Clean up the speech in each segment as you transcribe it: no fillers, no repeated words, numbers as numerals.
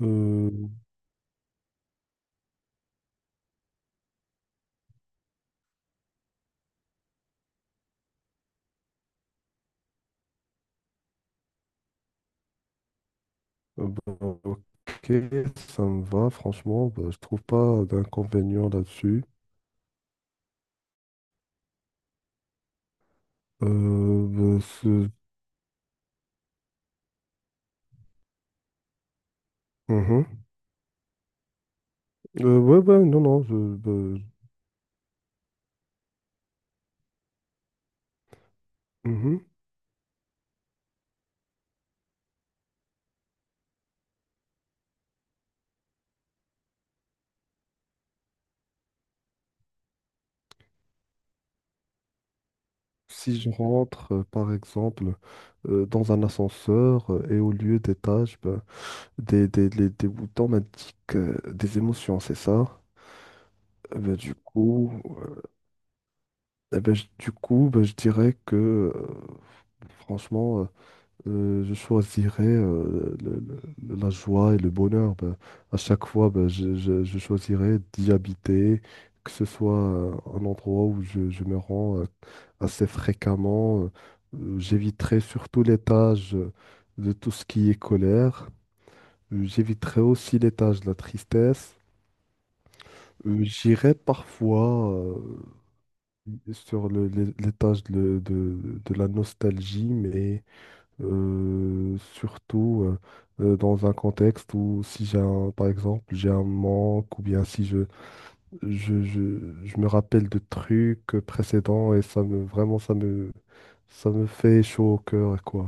Euh, Bah, ok, ça me va, franchement, bah, je trouve pas d'inconvénient là-dessus. Bah, mhm. Ouais, ouais, non, non, bah, mhm. Si je rentre, par exemple, dans un ascenseur et au lieu d'étage, bah, des boutons m'indiquent des émotions, c'est ça? Eh ben, du coup, euh, bah, je dirais que, euh, franchement, je choisirais la joie et le bonheur. Ben. À chaque fois, ben, je choisirais d'y habiter, que ce soit un endroit où je me rends assez fréquemment. J'éviterais surtout l'étage de tout ce qui est colère. J'éviterais aussi l'étage de la tristesse. J'irais parfois sur l'étage de la nostalgie, mais surtout, dans un contexte où si j'ai un, par exemple, j'ai un manque ou bien si je me rappelle de trucs précédents et ça me vraiment ça me fait chaud au cœur quoi.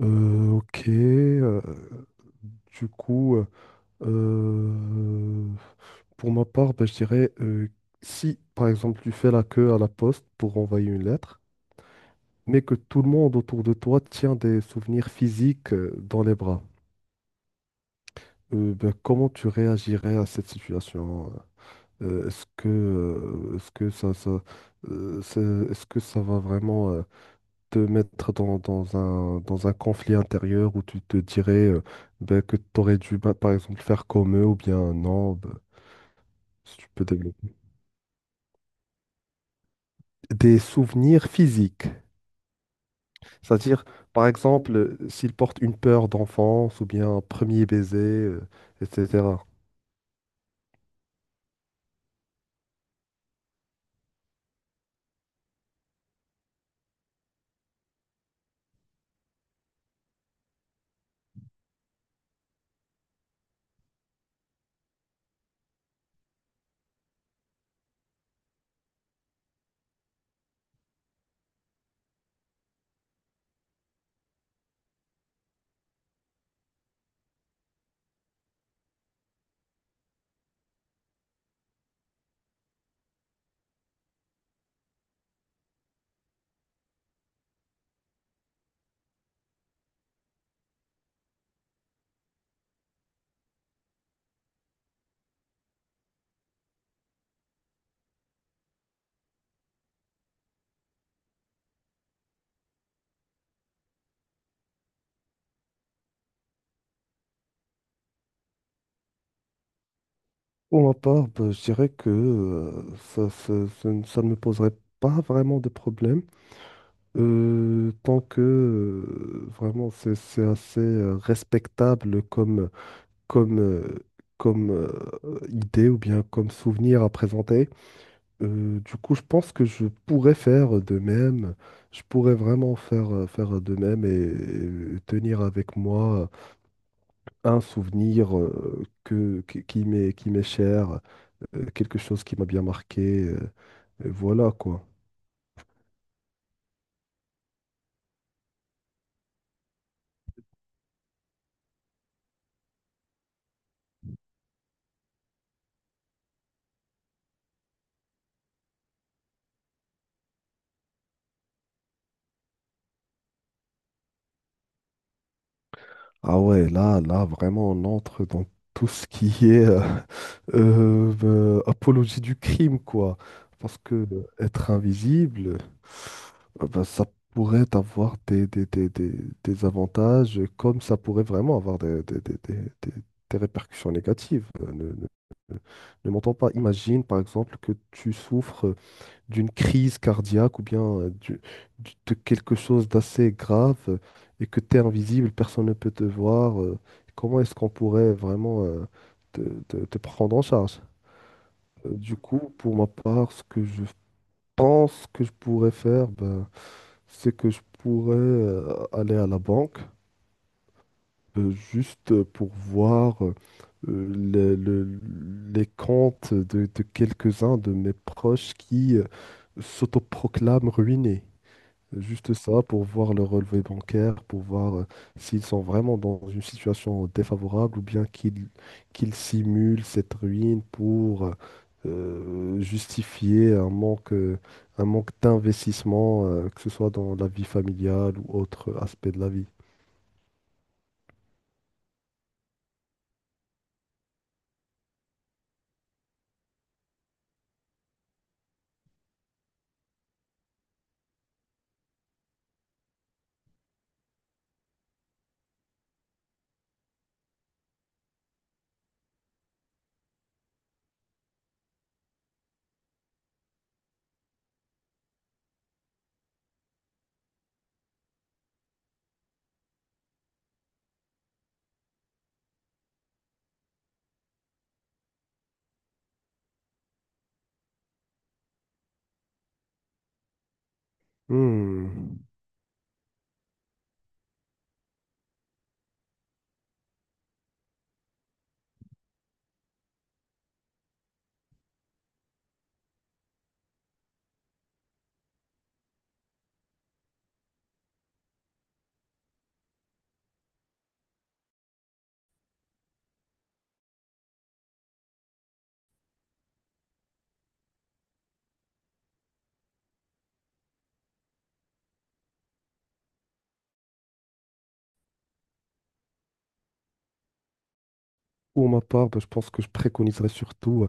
Ok, du coup, euh, pour ma part, ben, je dirais si par exemple tu fais la queue à la poste pour envoyer une lettre, mais que tout le monde autour de toi tient des souvenirs physiques dans les bras. Ben, comment tu réagirais à cette situation? Est-ce que euh, c'est- est-ce que ça va vraiment te mettre dans un conflit intérieur où tu te dirais ben, que tu aurais dû, ben, par exemple, faire comme eux ou bien non, ben, si tu peux développer. Des souvenirs physiques. C'est-à-dire, par exemple, s'il porte une peur d'enfance ou bien un premier baiser, etc. Pour ma part, bah, je dirais que ça ne me poserait pas vraiment de problème, tant que vraiment c'est assez respectable comme, comme, comme idée ou bien comme souvenir à présenter. Du coup, je pense que je pourrais faire de même. Je pourrais vraiment faire de même et tenir avec moi un souvenir qui m'est cher, quelque chose qui m'a bien marqué. Et voilà quoi. Ah ouais, là, là, vraiment, on entre dans tout ce qui est apologie du crime, quoi. Parce que être invisible, bah, ça pourrait avoir des avantages, comme ça pourrait vraiment avoir des- des répercussions négatives. Ne Ne m'entends pas. Imagine, par exemple, que tu souffres d'une crise cardiaque ou bien de quelque chose d'assez grave et que tu es invisible, personne ne peut te voir, comment est-ce qu'on pourrait vraiment te, te prendre en charge? Du coup, pour ma part, ce que je pense que je pourrais faire, ben, c'est que je pourrais aller à la banque juste pour voir le- le- les comptes de quelques-uns de mes proches qui s'autoproclament ruinés. Juste ça pour voir le relevé bancaire, pour voir s'ils sont vraiment dans une situation défavorable ou bien qu'ils simulent cette ruine pour justifier un manque d'investissement, que ce soit dans la vie familiale ou autre aspect de la vie. Hmm. Pour ma part, bah, je pense que je préconiserais surtout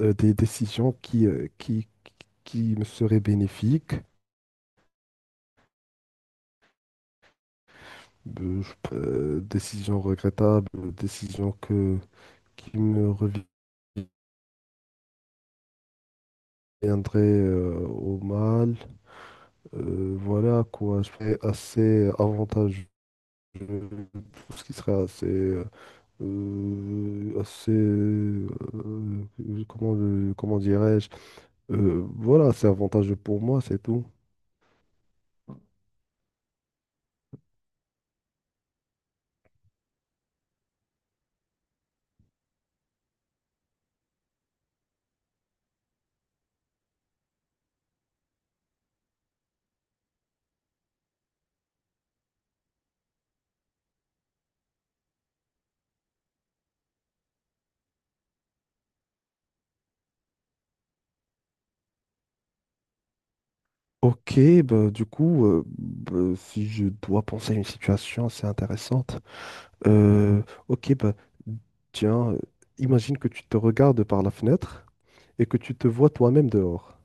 des décisions qui me seraient bénéfiques. Décisions regrettables, décisions que qui me reviendrait au mal. Voilà quoi, je serais assez avantageux. Je- Tout ce qui serait assez. Euh, assez. euh, comment dirais-je? Voilà, c'est avantageux pour moi, c'est tout. Ok, bah, du coup, bah, si je dois penser à une situation assez intéressante, euh, ok, bah, tiens, imagine que tu te regardes par la fenêtre et que tu te vois toi-même dehors.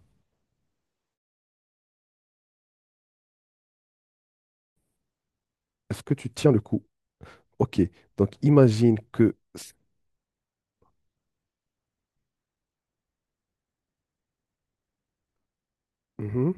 Est-ce que tu tiens le coup? Ok. Donc, imagine que. Mhm,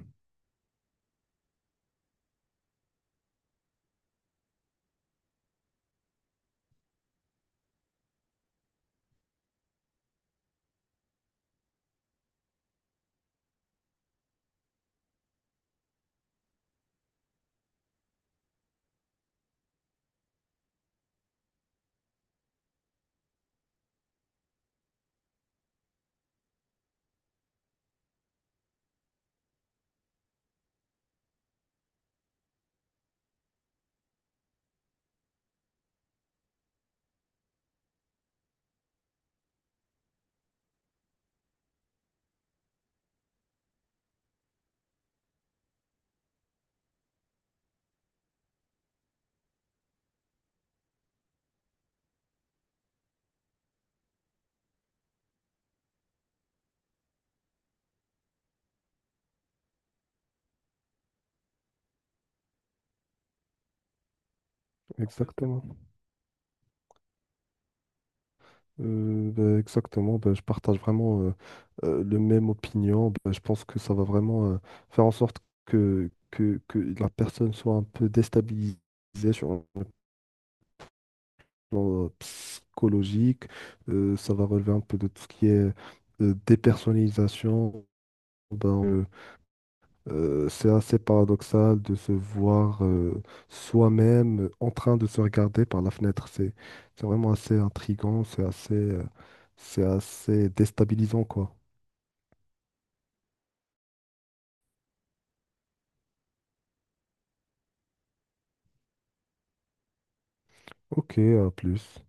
exactement. Bah, exactement. Bah, je partage vraiment le même opinion. Bah, je pense que ça va vraiment faire en sorte que la personne soit un peu déstabilisée sur un plan psychologique. Ça va relever un peu de tout ce qui est dépersonnalisation. Ben, c'est assez paradoxal de se voir soi-même en train de se regarder par la fenêtre. C'est vraiment assez intriguant, c'est assez déstabilisant, quoi. Ok, à plus.